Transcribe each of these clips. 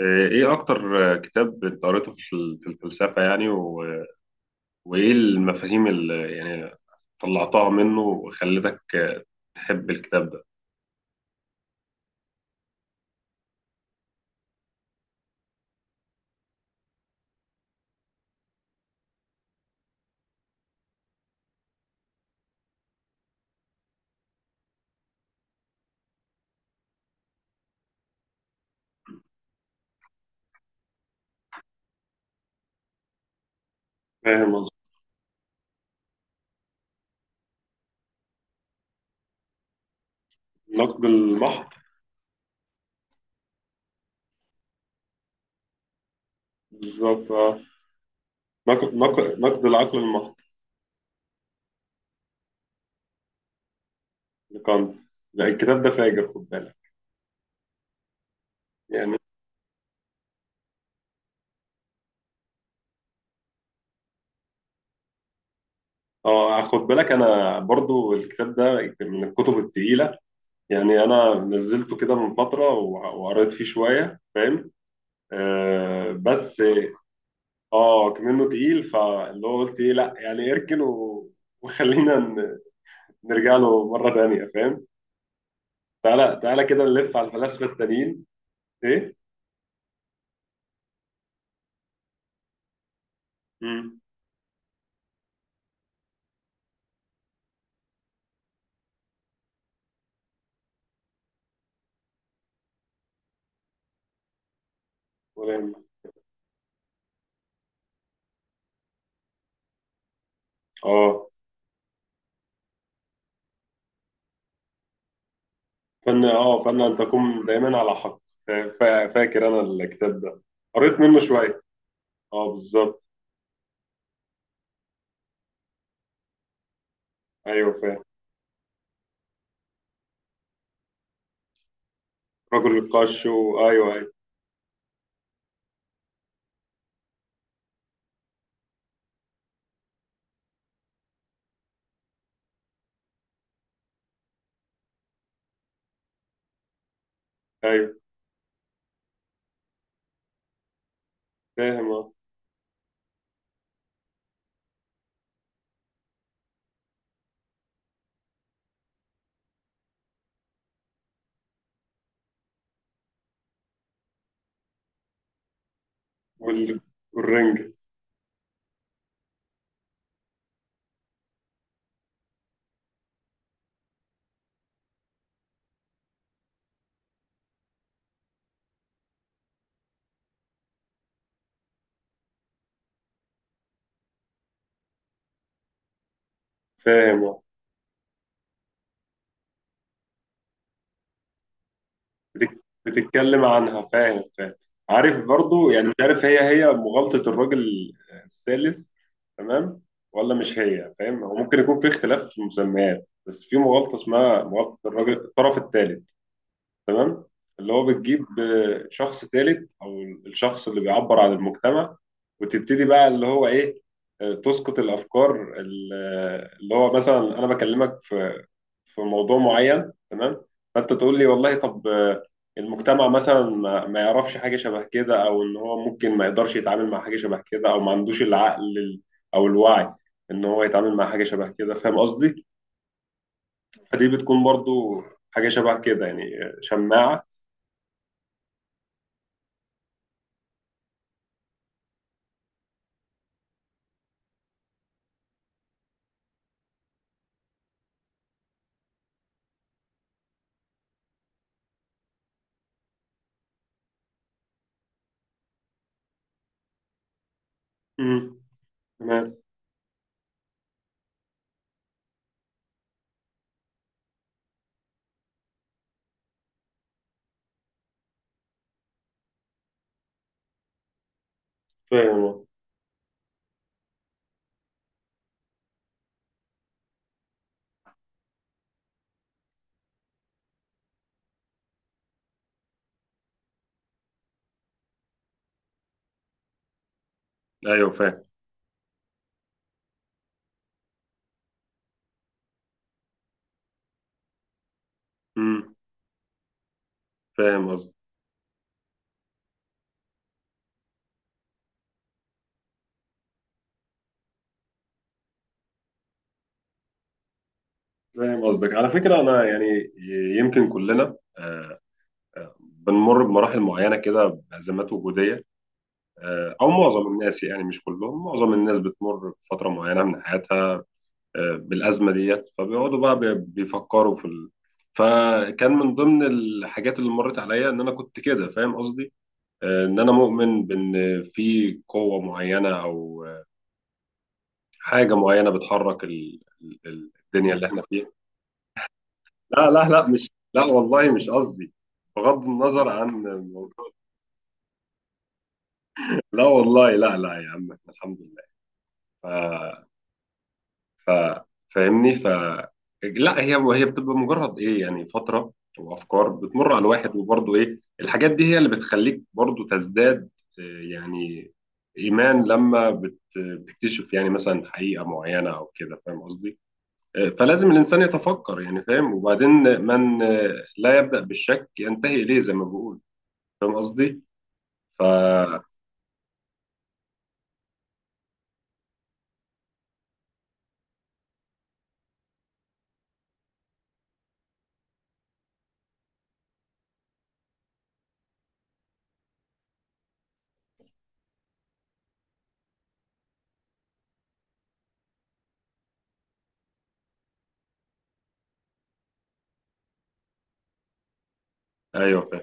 ايه اكتر كتاب انت قريته في الفلسفة يعني و... وايه المفاهيم اللي يعني طلعتها منه وخلتك تحب الكتاب ده؟ فاهم قصدي. نقد المحض. بالظبط، اه. نقد العقل المحض لكانت. لا، الكتاب ده فاجر، خد بالك. يعني اه، خد بالك، انا برضو الكتاب ده من الكتب التقيلة. يعني انا نزلته كده من فترة وقريت فيه شوية، فاهم؟ آه بس. اه كمنه تقيل، فاللي هو قلت ايه، لا يعني اركن وخلينا نرجع له مره تانيه، فاهم؟ تعالى تعالى كده نلف على الفلاسفه التانيين. ايه؟ امم اه فن ان تكون دايما على حق. فاكر انا الكتاب ده، قريت منه شويه. اه بالظبط، ايوه فاهم. رجل القش، ايوه ايوه. ايوه فاهم، اه. وال... والرنج. فاهم، اه. بتتكلم عنها، فاهم فاهم. عارف، برضو يعني مش عارف، هي مغالطة الراجل الثالث؟ تمام. ولا مش هي؟ فاهم، هو ممكن يكون في اختلاف في المسميات، بس في مغالطة اسمها مغالطة الراجل الطرف الثالث، تمام. اللي هو بتجيب شخص ثالث او الشخص اللي بيعبر عن المجتمع، وتبتدي بقى اللي هو ايه، تسقط الافكار اللي هو مثلا انا بكلمك في موضوع معين، تمام. فانت تقول لي والله، طب، المجتمع مثلا ما يعرفش حاجه شبه كده، او ان هو ممكن ما يقدرش يتعامل مع حاجه شبه كده، او ما عندوش العقل او الوعي ان هو يتعامل مع حاجه شبه كده. فاهم قصدي؟ فدي بتكون برضو حاجه شبه كده، يعني شماعه. مم. تمام. فاهم والله. ايوه فاهم. امم فاهم قصدك. فاهم قصدك، على فكره انا يعني يمكن كلنا بنمر بمراحل معينه كده، بازمات وجوديه، او معظم الناس، يعني مش كلهم، معظم الناس بتمر بفتره معينه من حياتها، بالازمه ديت، فبيقعدوا بقى بيفكروا في فكان من ضمن الحاجات اللي مرت عليا ان انا كنت كده، فاهم قصدي؟ ان انا مؤمن بان في قوه معينه او حاجة معينة بتحرك الدنيا اللي احنا فيها. لا لا لا، مش، لا والله مش قصدي. بغض النظر عن الموضوع. لا والله، لا لا يا عم، احنا الحمد لله. ف... ف... فاهمني. لا، هي بتبقى مجرد ايه، يعني فترة وافكار بتمر على الواحد. وبرضه ايه، الحاجات دي هي اللي بتخليك برضه تزداد يعني ايمان، لما بتكتشف يعني مثلا حقيقة معينة او كده، فاهم قصدي؟ فلازم الإنسان يتفكر، يعني فاهم. وبعدين من لا يبدأ بالشك ينتهي إليه، زي ما بقول. فاهم قصدي؟ فا أيوه فاهم.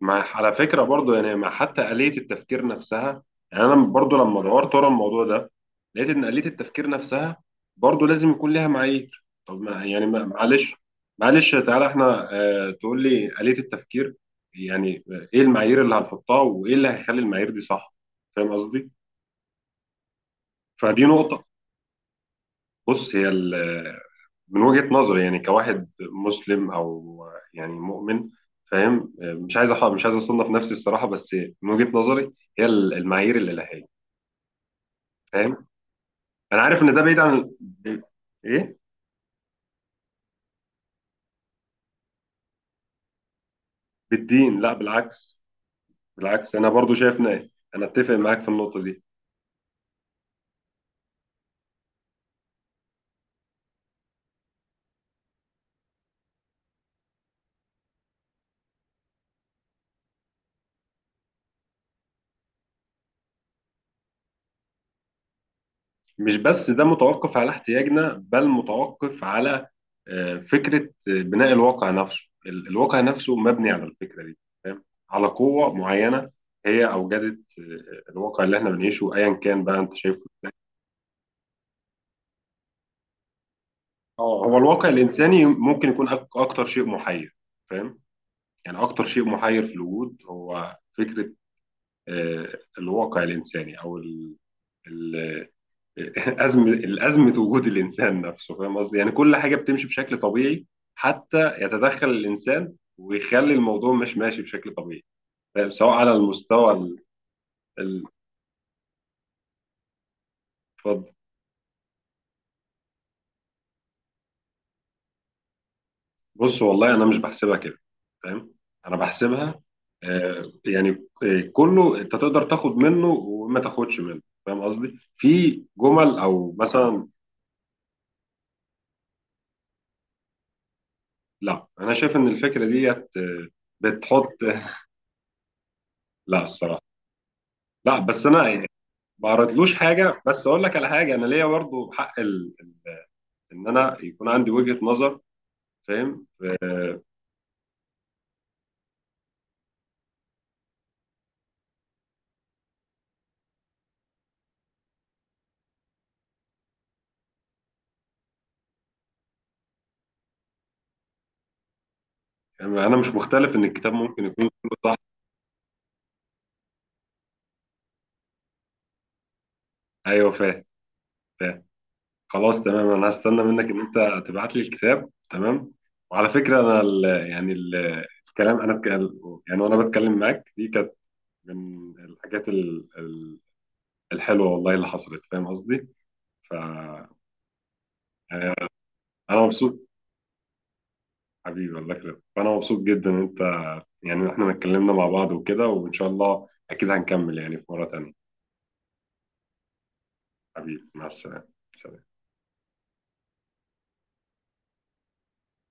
مع على فكرة برضو، يعني مع حتى آلية التفكير نفسها. يعني أنا برضو لما دورت ورا الموضوع ده، لقيت إن آلية التفكير نفسها برضو لازم يكون ليها معايير. طب ما يعني معلش، معلش تعالى إحنا، تقول لي آلية التفكير يعني إيه المعايير اللي هنحطها، وإيه اللي هيخلي المعايير دي صح؟ فاهم قصدي؟ فدي نقطة. بص، هي من وجهة نظري، يعني كواحد مسلم او يعني مؤمن، فاهم، مش عايز اصنف نفسي الصراحه، بس من وجهة نظري، هي المعايير الالهيه. فاهم، انا عارف ان ده بعيد عن ال- ايه بالدين، لا بالعكس. بالعكس انا برضو شايف انا اتفق معاك في النقطه دي. مش بس ده متوقف على احتياجنا، بل متوقف على فكرة بناء الواقع نفسه. الواقع نفسه مبني على الفكرة دي. فاهم، على قوة معينة هي أوجدت الواقع اللي احنا بنعيشه، أيا كان بقى أنت شايفه. اه، هو الواقع الإنساني ممكن يكون أكتر شيء محير. فاهم، يعني أكتر شيء محير في الوجود هو فكرة الواقع الإنساني الأزمة وجود الإنسان نفسه. فاهم قصدي؟ يعني كل حاجة بتمشي بشكل طبيعي حتى يتدخل الإنسان ويخلي الموضوع مش ماشي بشكل طبيعي. فاهم؟ سواء على المستوى ال- اتفضل. بص والله، أنا مش بحسبها كده. فاهم؟ أنا بحسبها يعني كله أنت تقدر تاخد منه وما تاخدش منه. فاهم قصدي؟ في جمل أو مثلا، لا أنا شايف إن الفكرة ديت بتحط لا الصراحة. لا بس أنا ما عرضلوش حاجه، بس اقول لك على حاجه، انا ليا برضه حق ان انا يكون عندي وجهه نظر، فاهم، آه، انا مش مختلف ان الكتاب ممكن يكون كله صح. ايوه فاهم فاهم. خلاص تمام، انا هستنى منك ان انت تبعت لي الكتاب، تمام. وعلى فكره انا يعني الكلام انا اتكلم، يعني وانا بتكلم معاك، دي كانت من الحاجات الحلوه والله اللي حصلت، فاهم قصدي؟ فانا مبسوط. حبيبي، الله يخليك، فأنا مبسوط جدا إن أنت، يعني إحنا اتكلمنا مع بعض وكده، وإن شاء الله أكيد هنكمل يعني في مرة تانية. حبيبي، مع السلامة. سلام.